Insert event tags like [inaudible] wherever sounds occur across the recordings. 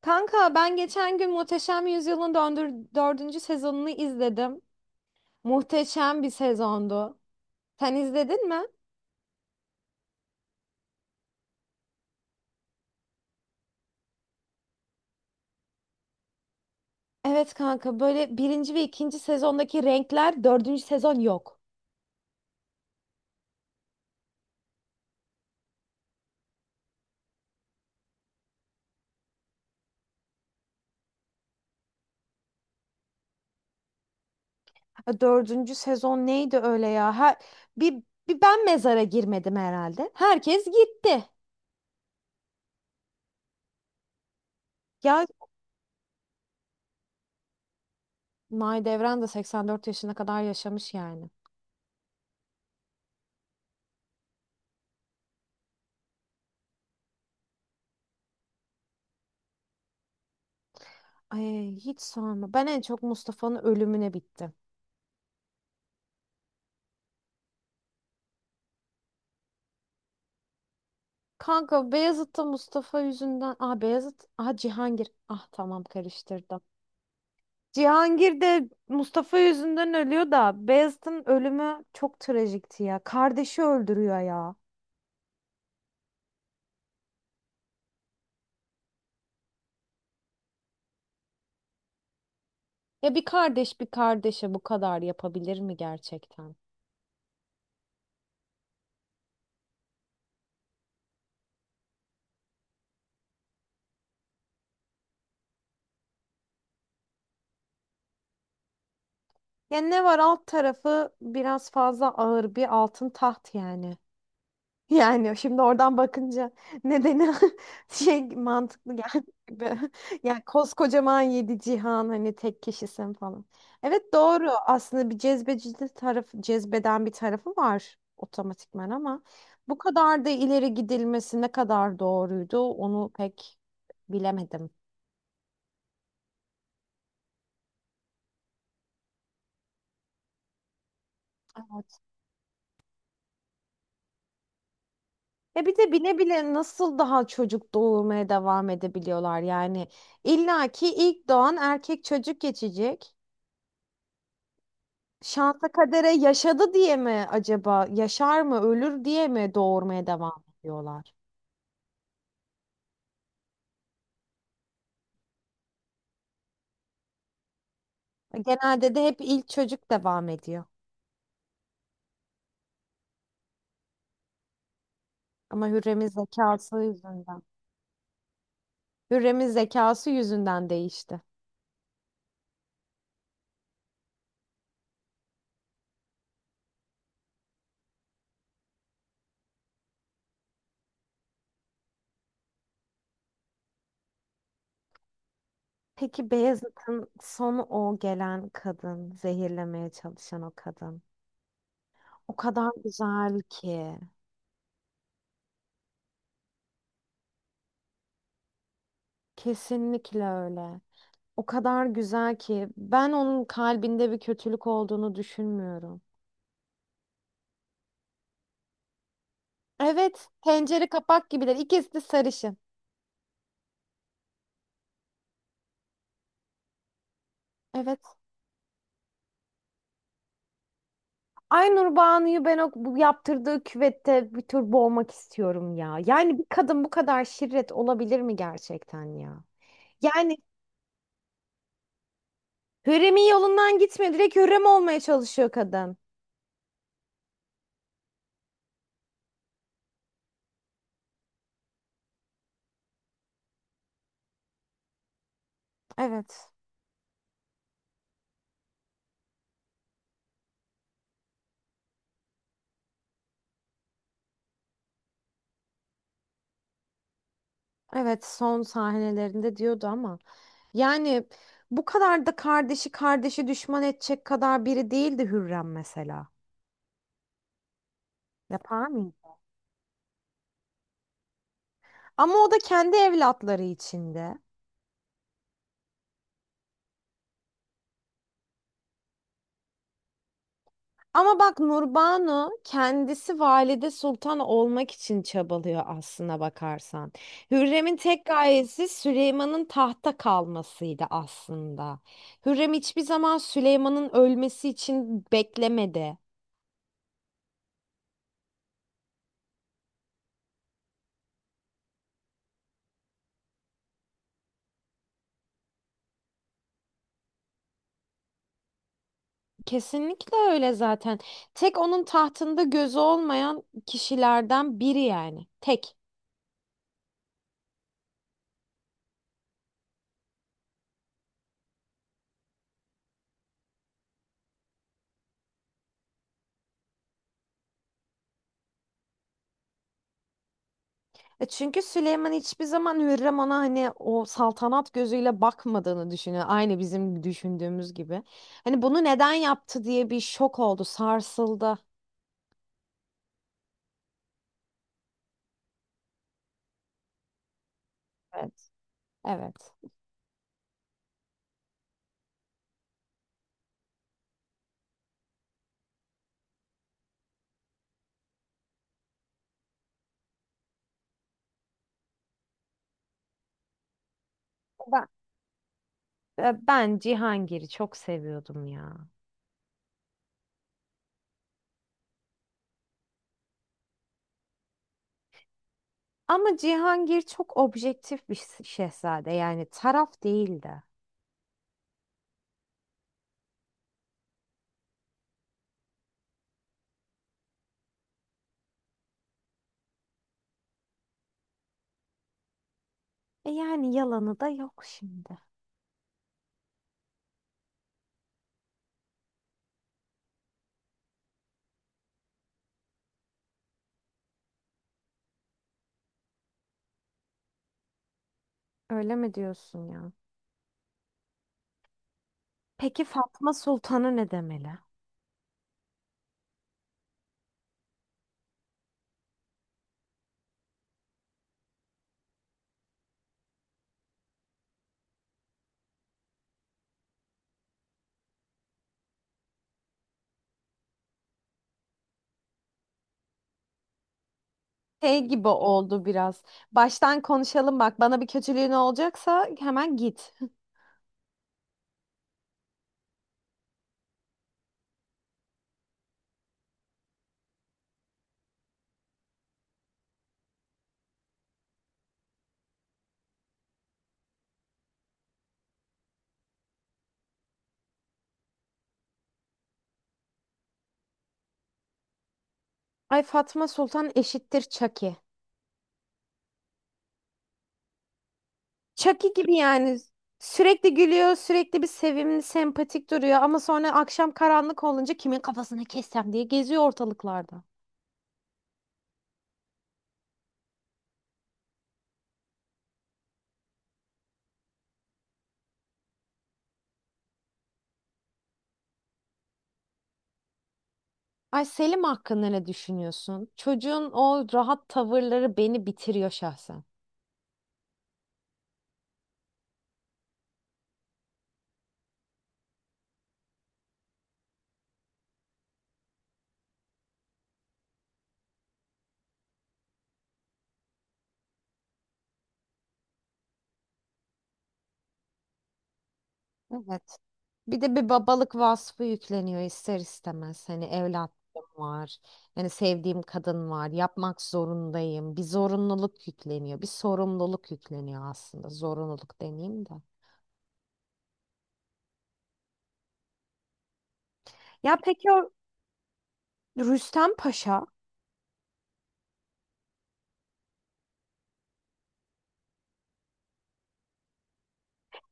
Kanka ben geçen gün Muhteşem Yüzyıl'ın dördüncü sezonunu izledim. Muhteşem bir sezondu. Sen izledin mi? Evet kanka böyle birinci ve ikinci sezondaki renkler dördüncü sezon yok. Ha, dördüncü sezon neydi öyle ya? Bir, bir ben mezara girmedim herhalde. Herkes gitti. Ya Mahidevran da 84 yaşına kadar yaşamış yani. Ay hiç sorma. Ben en çok Mustafa'nın ölümüne bittim. Kanka Beyazıt'ta Mustafa yüzünden. Aa Beyazıt. Aa Cihangir. Ah tamam karıştırdım. Cihangir de Mustafa yüzünden ölüyor da Beyazıt'ın ölümü çok trajikti ya. Kardeşi öldürüyor ya. Ya bir kardeş bir kardeşe bu kadar yapabilir mi gerçekten? Ya ne var alt tarafı biraz fazla ağır bir altın taht yani. Yani şimdi oradan bakınca nedeni [laughs] şey mantıklı geldi gibi. Yani koskocaman yedi cihan hani tek kişisin falan. Evet doğru aslında bir cezbecilik tarafı cezbeden bir tarafı var otomatikman ama bu kadar da ileri gidilmesi ne kadar doğruydu onu pek bilemedim. Evet. Ya bir de bile bile nasıl daha çocuk doğurmaya devam edebiliyorlar yani? İlla ki ilk doğan erkek çocuk geçecek. Şansa kadere yaşadı diye mi acaba? Yaşar mı, ölür diye mi doğurmaya devam ediyorlar? Genelde de hep ilk çocuk devam ediyor. Ama Hürrem'in zekası yüzünden. Hürrem'in zekası yüzünden değişti. Peki Beyazıt'ın sonu o gelen kadın, zehirlemeye çalışan o kadın. O kadar güzel ki. Kesinlikle öyle. O kadar güzel ki ben onun kalbinde bir kötülük olduğunu düşünmüyorum. Evet, tencere kapak gibiler. İkisi de sarışın. Evet. Aynur Banu'yu ben o bu yaptırdığı küvette bir tür boğmak istiyorum ya. Yani bir kadın bu kadar şirret olabilir mi gerçekten ya? Yani Hürrem'in yolundan gitmiyor. Direkt Hürrem olmaya çalışıyor kadın. Evet. Evet, son sahnelerinde diyordu ama. Yani bu kadar da kardeşi düşman edecek kadar biri değildi Hürrem mesela. Yapar mıydı? Ama o da kendi evlatları içinde. Ama bak Nurbanu kendisi Valide Sultan olmak için çabalıyor aslına bakarsan. Hürrem'in tek gayesi Süleyman'ın tahta kalmasıydı aslında. Hürrem hiçbir zaman Süleyman'ın ölmesi için beklemedi. Kesinlikle öyle zaten. Tek onun tahtında gözü olmayan kişilerden biri yani. Tek. E çünkü Süleyman hiçbir zaman Hürrem ona hani o saltanat gözüyle bakmadığını düşünüyor. Aynı bizim düşündüğümüz gibi. Hani bunu neden yaptı diye bir şok oldu, sarsıldı. Evet. Evet. Ben, ben Cihangir'i çok seviyordum ya. Ama Cihangir çok objektif bir şehzade yani taraf değildi. E yani yalanı da yok şimdi. Öyle mi diyorsun ya? Peki Fatma Sultan'ı ne demeli? Şey gibi oldu biraz. Baştan konuşalım bak. Bana bir kötülüğün olacaksa hemen git. Ay Fatma Sultan eşittir Çaki. Çaki gibi yani. Sürekli gülüyor, sürekli bir sevimli, sempatik duruyor ama sonra akşam karanlık olunca kimin kafasını kessem diye geziyor ortalıklarda. Ay Selim hakkında ne düşünüyorsun? Çocuğun o rahat tavırları beni bitiriyor şahsen. Evet. Bir de bir babalık vasfı yükleniyor ister istemez. Hani evlatlığım var. Hani sevdiğim kadın var. Yapmak zorundayım. Bir zorunluluk yükleniyor. Bir sorumluluk yükleniyor aslında. Zorunluluk demeyeyim de. Ya peki o Rüstem Paşa?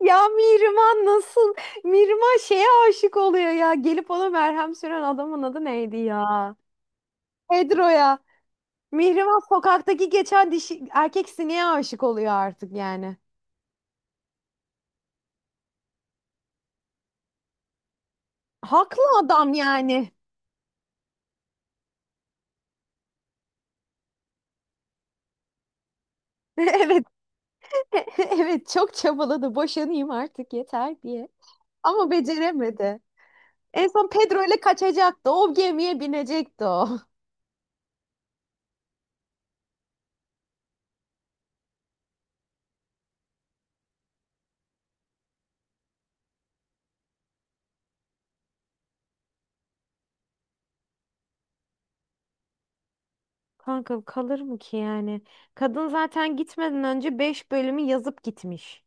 Ya Mihrimah nasıl? Mihrimah şeye aşık oluyor ya. Gelip ona merhem süren adamın adı neydi ya? Pedro'ya. Mihrimah sokaktaki geçen dişi, erkek sineğe aşık oluyor artık yani. Haklı adam yani. [laughs] Evet. [laughs] Evet çok çabaladı boşanayım artık yeter diye. Ama beceremedi. En son Pedro ile kaçacaktı. O gemiye binecekti o. [laughs] Kanka kalır mı ki yani? Kadın zaten gitmeden önce 5 bölümü yazıp gitmiş.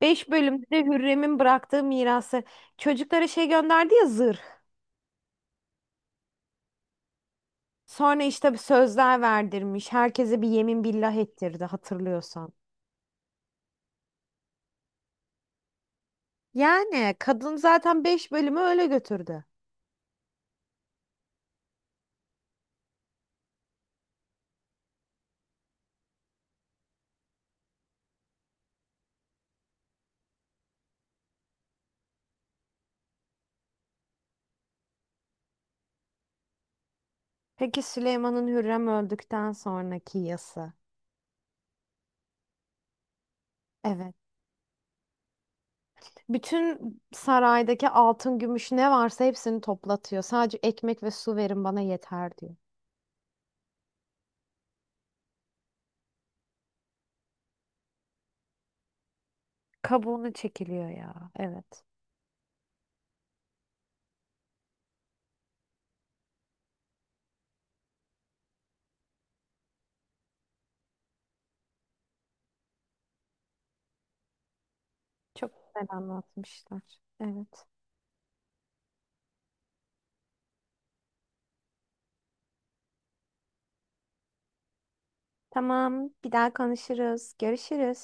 5 bölümde de Hürrem'in bıraktığı mirası. Çocuklara şey gönderdi ya zırh. Sonra işte bir sözler verdirmiş. Herkese bir yemin billah ettirdi hatırlıyorsan. Yani kadın zaten 5 bölümü öyle götürdü. Peki Süleyman'ın Hürrem öldükten sonraki yası. Evet. Bütün saraydaki altın, gümüş ne varsa hepsini toplatıyor. Sadece ekmek ve su verin bana yeter diyor. Kabuğunu çekiliyor ya. Evet. Çok güzel anlatmışlar. Evet. Tamam. Bir daha konuşuruz. Görüşürüz.